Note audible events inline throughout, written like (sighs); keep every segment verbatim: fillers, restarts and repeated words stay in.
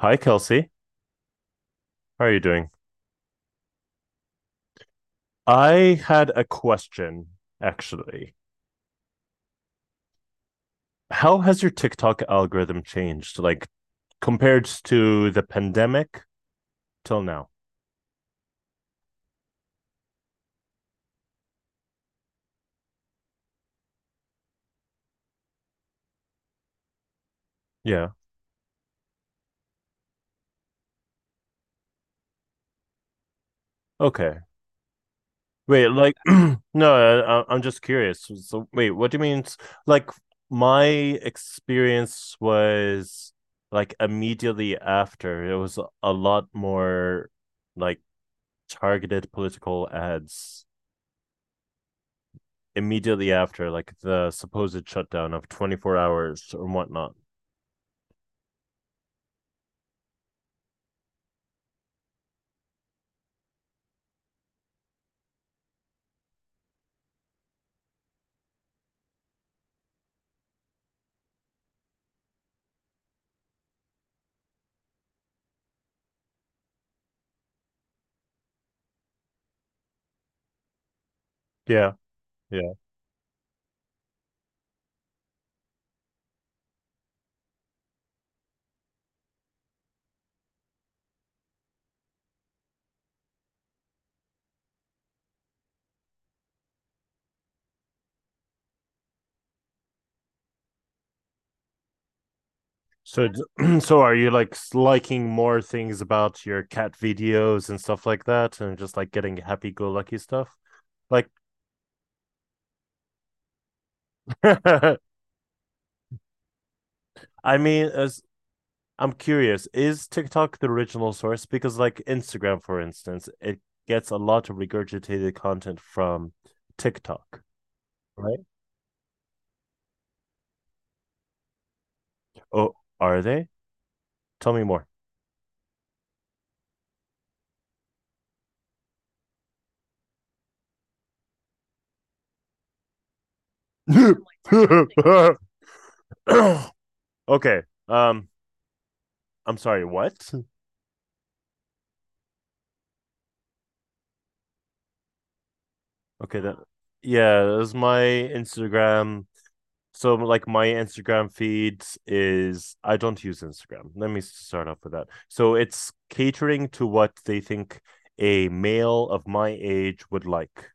Hi, Kelsey. How are you doing? I had a question, actually. How has your TikTok algorithm changed, like compared to the pandemic till now? Yeah. Okay. Wait, like, (clears throat) no, I, I- am just curious. So, wait, what do you mean? s- Like, my experience was like immediately after, it was a lot more like targeted political ads immediately after, like the supposed shutdown of twenty-four hours or whatnot. Yeah, yeah. So, (clears throat) so are you like liking more things about your cat videos and stuff like that, and just like getting happy-go-lucky stuff? Like, (laughs) I mean, as I'm curious, is TikTok the original source? Because like Instagram, for instance, it gets a lot of regurgitated content from TikTok, right? Oh, are they? Tell me more. (laughs) (clears throat) Okay. Um, I'm sorry, what? Okay, that Yeah, that was my Instagram. So like my Instagram feeds is I don't use Instagram. Let me start off with that. So it's catering to what they think a male of my age would like.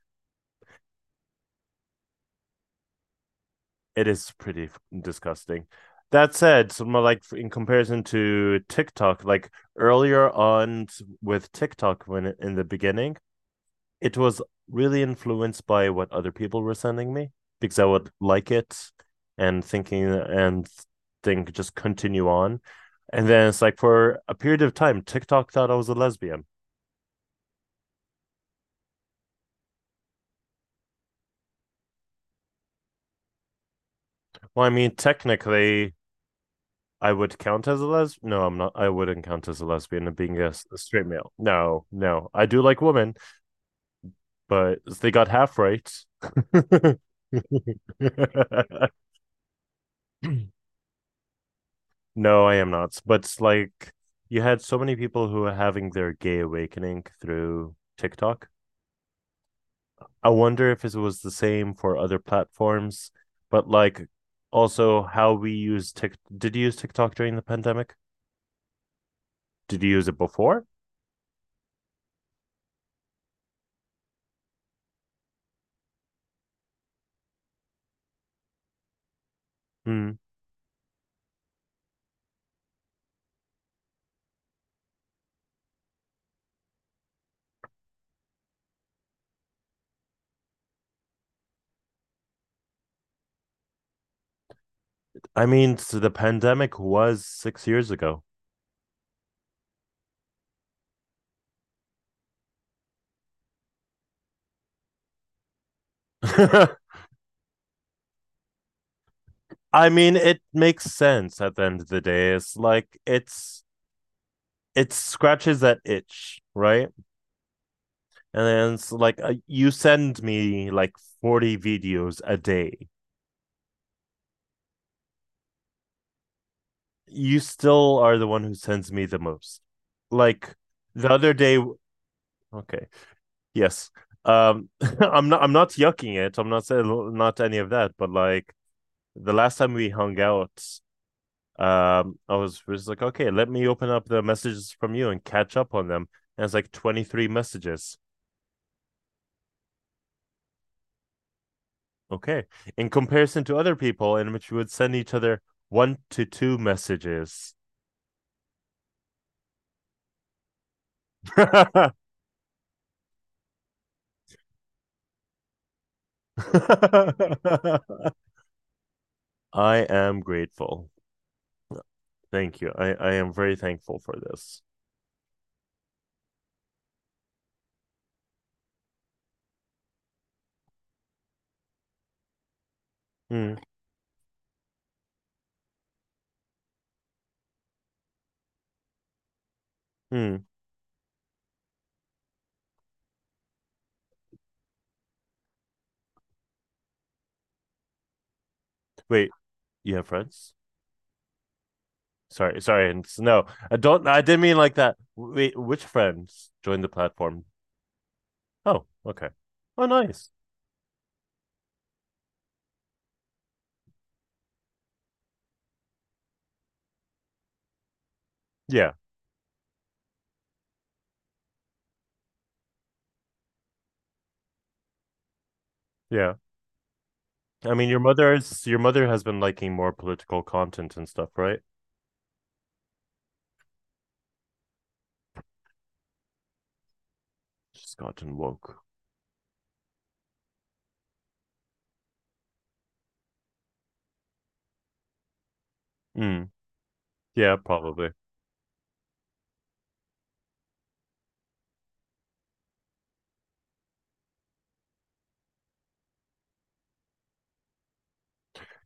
It is pretty f- disgusting. That said, so like in comparison to TikTok, like earlier on with TikTok when in the beginning, it was really influenced by what other people were sending me because I would like it and thinking and think just continue on. And then it's like for a period of time, TikTok thought I was a lesbian. Well, I mean, technically, I would count as a lesbian. No, I'm not. I wouldn't count as a lesbian and being a a straight male. No, no. I do like women, but they got half right. (laughs) (laughs) No, I am not. But like you had so many people who are having their gay awakening through TikTok. I wonder if it was the same for other platforms, but like also how we use Tik. Did you use TikTok during the pandemic? Did you use it before? Mm. I mean, so the pandemic was six years ago. (laughs) I mean, it makes sense at the end of the day. It's like it's it scratches that itch, right? And then it's like uh, you send me like forty videos a day. You still are the one who sends me the most, like, the other day, okay, yes, um (laughs) i'm not i'm not yucking it. I'm not saying not any of that, but like the last time we hung out, um I was just like, okay, let me open up the messages from you and catch up on them, and it's like twenty-three messages. Okay, in comparison to other people in which we would send each other one to two messages. (laughs) I am grateful. Thank you. I, I am very thankful for this. Mm, mm. Wait, you have friends? Sorry, sorry. No, I don't. I didn't mean like that. Wait, which friends joined the platform? Oh, okay. Oh, nice. Yeah, yeah. I mean, your mother's your mother has been liking more political content and stuff, right? She's gotten woke. Mm, yeah, probably.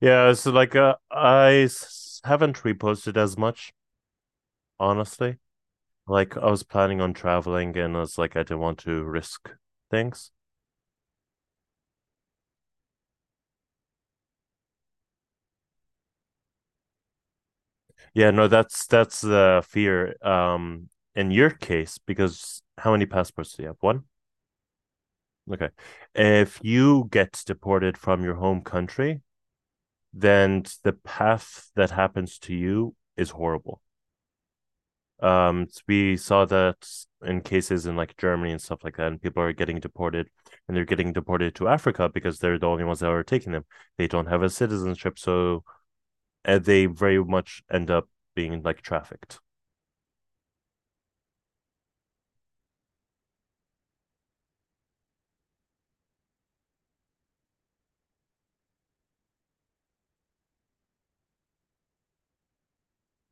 Yeah. So like, uh, I s- haven't reposted as much, honestly. Like I was planning on traveling and I was like I didn't want to risk things. Yeah, no, that's that's the fear. Um in your case, because how many passports do you have? One? Okay. If you get deported from your home country, then the path that happens to you is horrible. Um, we saw that in cases in like Germany and stuff like that, and people are getting deported and they're getting deported to Africa because they're the only ones that are taking them. They don't have a citizenship, so and they very much end up being like trafficked.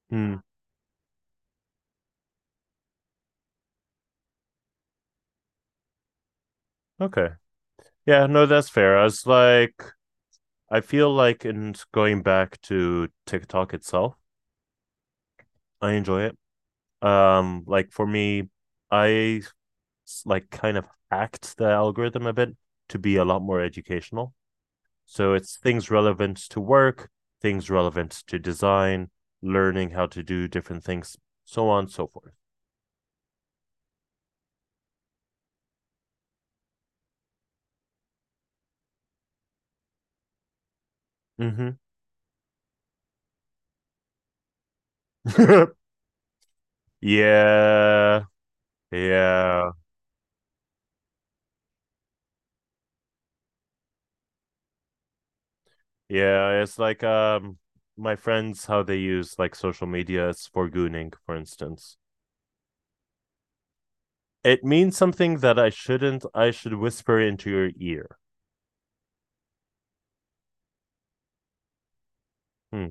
Hmm. Okay. Yeah, no, that's fair. I was like, I feel like in going back to TikTok itself, I enjoy it. Um, like for me, I like kind of hacked the algorithm a bit to be a lot more educational. So it's things relevant to work, things relevant to design, learning how to do different things, so on and so forth. Mm-hmm. (laughs) Yeah. Yeah. Yeah, it's like um my friends how they use like social media is for gooning, for instance. It means something that I shouldn't. I should whisper into your ear. Hmm,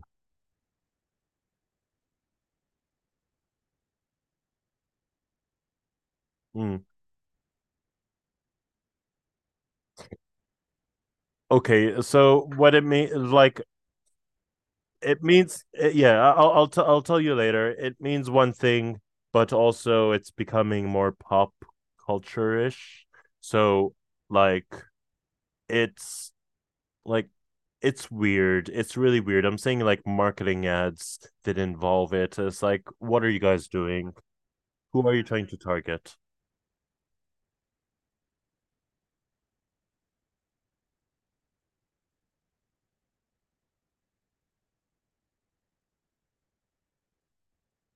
hmm. Okay, so what it means, like it means, eh, yeah. I- I'll I'll, t- I'll tell you later. It means one thing, but also it's becoming more pop culture ish. So like it's like it's weird. It's really weird. I'm seeing like marketing ads that involve it. It's like, what are you guys doing? Who are you trying to target?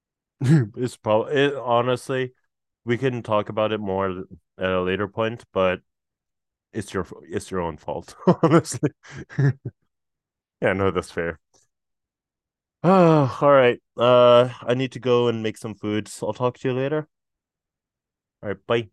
(laughs) It's probably it, honestly. We can talk about it more at a later point, but it's your it's your own fault, (laughs) honestly. (laughs) Yeah, no, that's fair. (sighs) Oh, all right. Uh, I need to go and make some food. So I'll talk to you later. All right, bye.